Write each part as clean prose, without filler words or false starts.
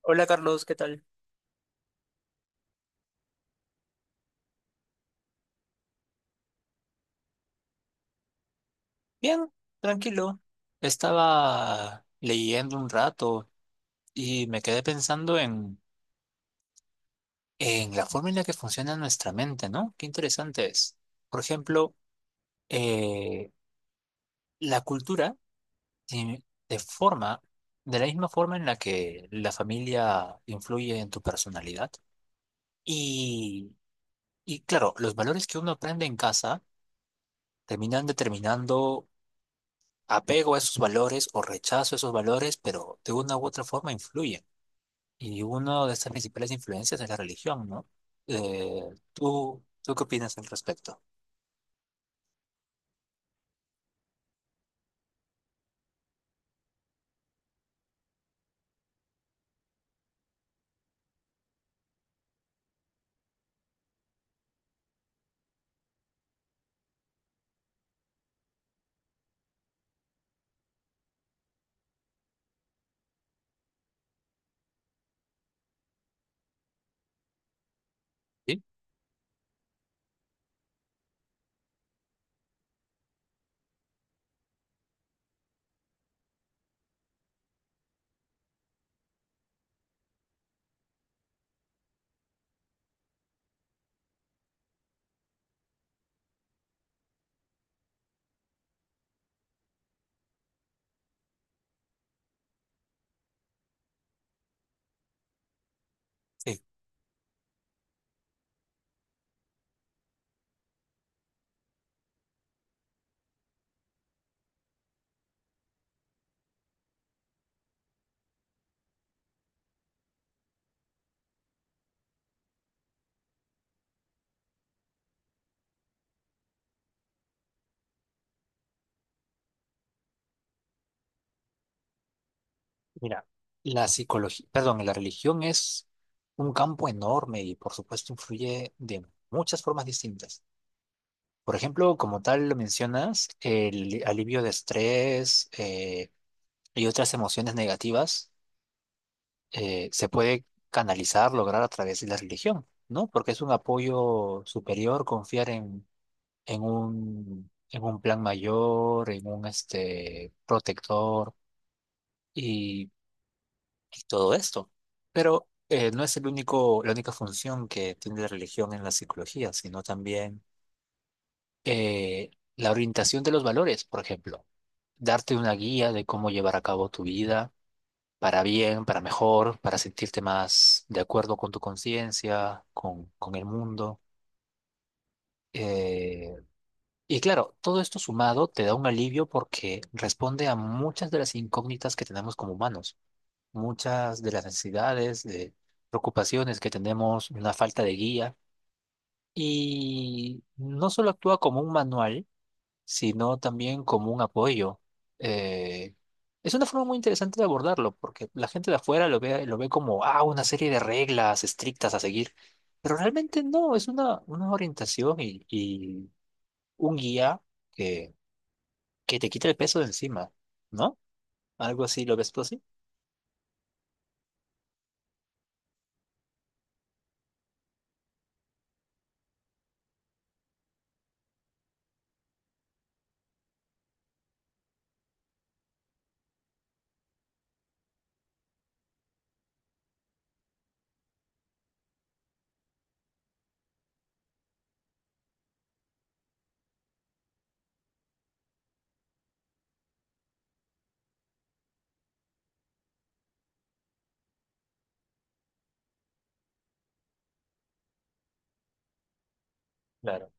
Hola Carlos, ¿qué tal? Bien, tranquilo. Estaba leyendo un rato y me quedé pensando en la forma en la que funciona nuestra mente, ¿no? Qué interesante es. Por ejemplo, eh, la cultura te forma de la misma forma en la que la familia influye en tu personalidad. Y, y claro, los valores que uno aprende en casa terminan determinando apego a esos valores o rechazo a esos valores, pero de una u otra forma influyen. Y una de estas principales influencias es la religión, ¿no? Eh, ¿tú qué opinas al respecto? ¿Sí? Sí, mira, la religión es un campo enorme y por supuesto influye de muchas formas distintas. Por ejemplo, como tal lo mencionas, el alivio de estrés y otras emociones negativas se puede canalizar, lograr a través de la religión, ¿no? Porque es un apoyo superior confiar en un plan mayor, en un este, protector y, y todo esto. Pero no es la única función que tiene la religión en la psicología, sino también la orientación de los valores, por ejemplo, darte una guía de cómo llevar a cabo tu vida para bien, para mejor, para sentirte más de acuerdo con tu conciencia, con el mundo. Eh, y claro, todo esto sumado te da un alivio porque responde a muchas de las incógnitas que tenemos como humanos, muchas de las necesidades, de preocupaciones que tenemos, una falta de guía. Y no solo actúa como un manual, sino también como un apoyo. Eh, es una forma muy interesante de abordarlo, porque la gente de afuera lo ve como, ah, una serie de reglas estrictas a seguir, pero realmente no, es una orientación y un guía que, que te quita el peso de encima, ¿no? Algo así, ¿lo ves tú así? Claro.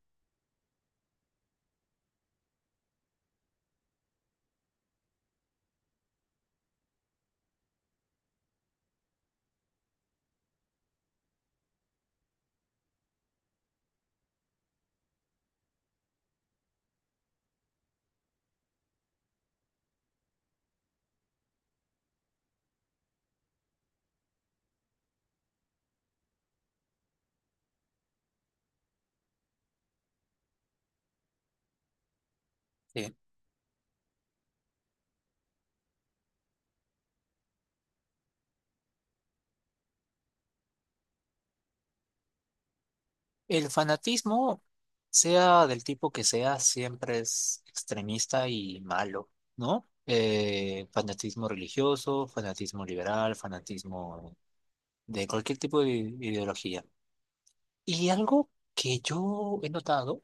Sí. El fanatismo, sea del tipo que sea, siempre es extremista y malo, ¿no? Fanatismo religioso, fanatismo liberal, fanatismo de cualquier tipo de ideología. Y algo que yo he notado,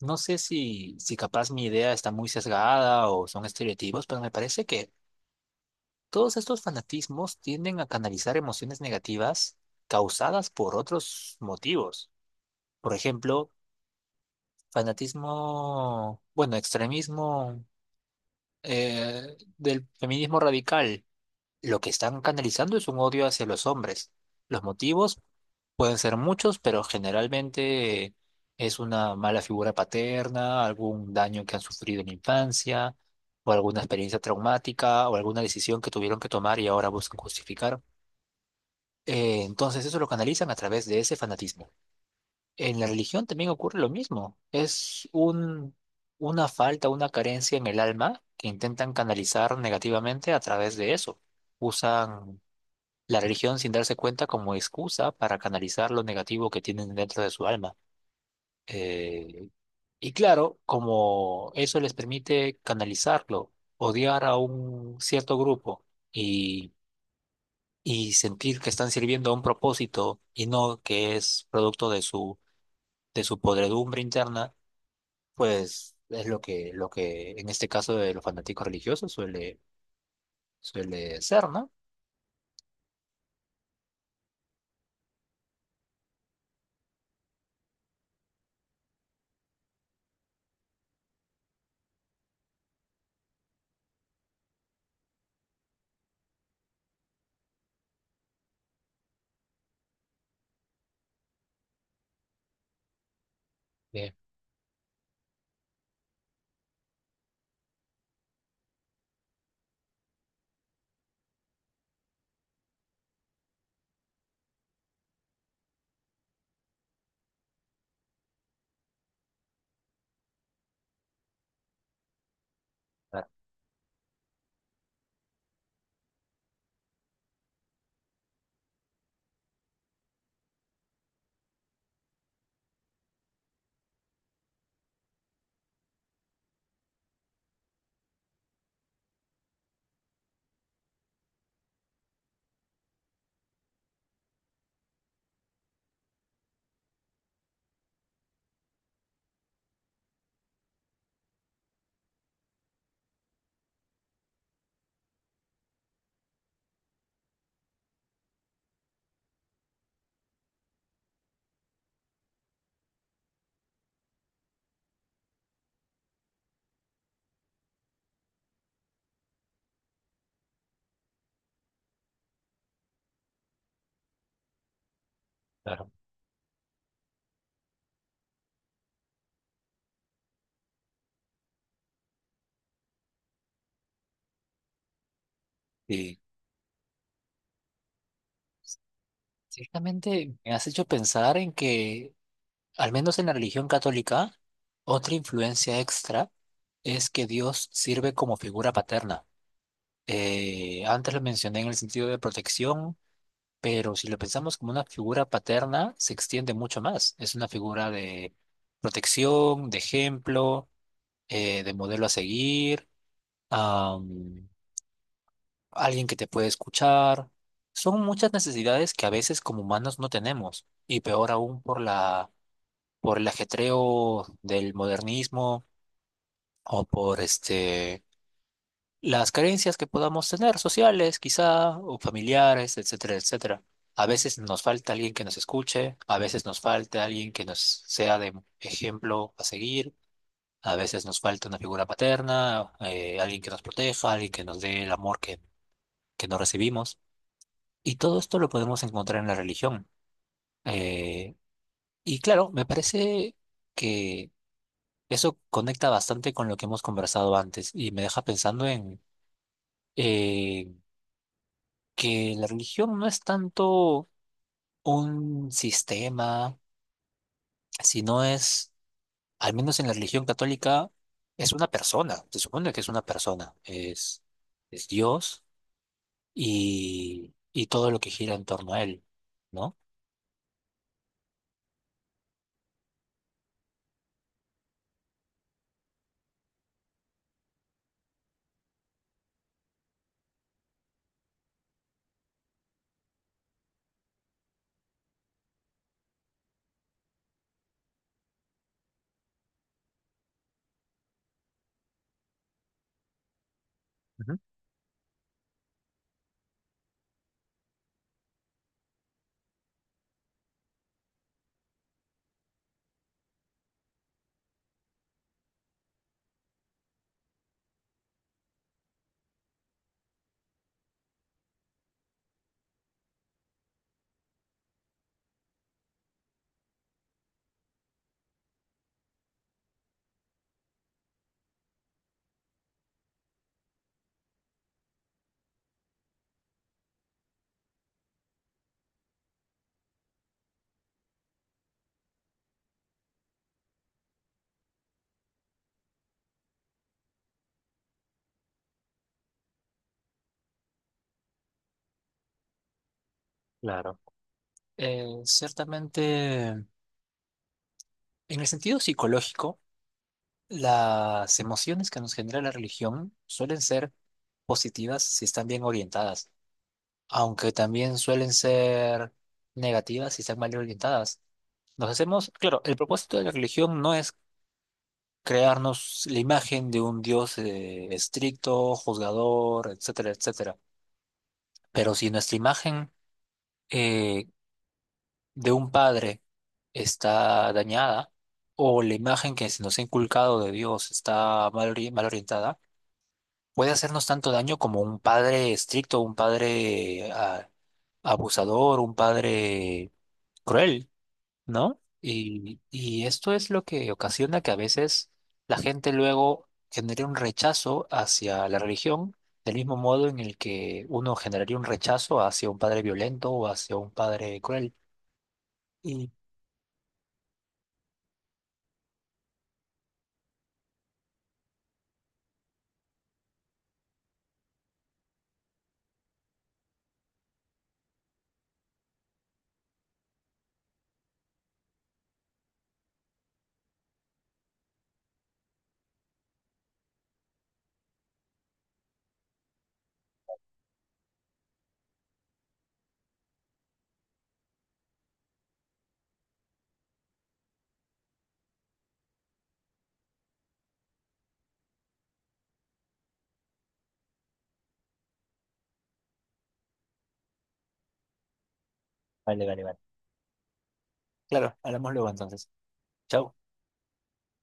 no sé si capaz mi idea está muy sesgada o son estereotipos, pero me parece que todos estos fanatismos tienden a canalizar emociones negativas causadas por otros motivos. Por ejemplo, fanatismo, bueno, extremismo del feminismo radical. Lo que están canalizando es un odio hacia los hombres. Los motivos pueden ser muchos, pero generalmente es una mala figura paterna, algún daño que han sufrido en la infancia, o alguna experiencia traumática, o alguna decisión que tuvieron que tomar y ahora buscan justificar. Entonces eso lo canalizan a través de ese fanatismo. En la religión también ocurre lo mismo. Es una falta, una carencia en el alma que intentan canalizar negativamente a través de eso. Usan la religión sin darse cuenta como excusa para canalizar lo negativo que tienen dentro de su alma. Eh, y claro, como eso les permite canalizarlo, odiar a un cierto grupo y, y sentir que están sirviendo a un propósito y no que es producto de de su podredumbre interna pues es lo que en este caso de los fanáticos religiosos suele ser, ¿no? Sí, claro, claro. Y ciertamente me has hecho pensar en que, al menos en la religión católica, otra influencia extra es que Dios sirve como figura paterna. Antes lo mencioné en el sentido de protección, pero si lo pensamos como una figura paterna, se extiende mucho más. Es una figura de protección, de ejemplo, de modelo a seguir. am, alguien que te puede escuchar. Son muchas necesidades que a veces como humanos no tenemos, y peor aún por por el ajetreo del modernismo o por este, las carencias que podamos tener, sociales quizá, o familiares, etcétera, etcétera. A veces nos falta alguien que nos escuche, a veces nos falta alguien que nos sea de ejemplo a seguir, a veces nos falta una figura paterna, alguien que nos proteja, alguien que nos dé el amor que no recibimos. Y todo esto lo podemos encontrar en la religión. Eh, y claro, me parece que eso conecta bastante con lo que hemos conversado antes y me deja pensando en eh, que la religión no es tanto un sistema, sino es, al menos en la religión católica, es una persona. Se supone que es una persona, es Dios y todo lo que gira en torno a él, ¿no? Ujú. Claro. Ciertamente. En el sentido psicológico, las emociones que nos genera la religión suelen ser positivas si están bien orientadas, aunque también suelen ser negativas si están mal orientadas. Nos hacemos, claro, el propósito de la religión no es crearnos la imagen de un Dios estricto, juzgador, etcétera, etcétera. Pero si nuestra imagen eh, de un padre está dañada o la imagen que se nos ha inculcado de Dios está mal, mal orientada, puede hacernos tanto daño como un padre estricto, un padre ah, abusador, un padre cruel, ¿no? Y esto es lo que ocasiona que a veces la gente luego genere un rechazo hacia la religión, del mismo modo en el que uno generaría un rechazo hacia un padre violento o hacia un padre cruel. Y... Vale, vale, vale. Claro, hablamos luego entonces. Chau.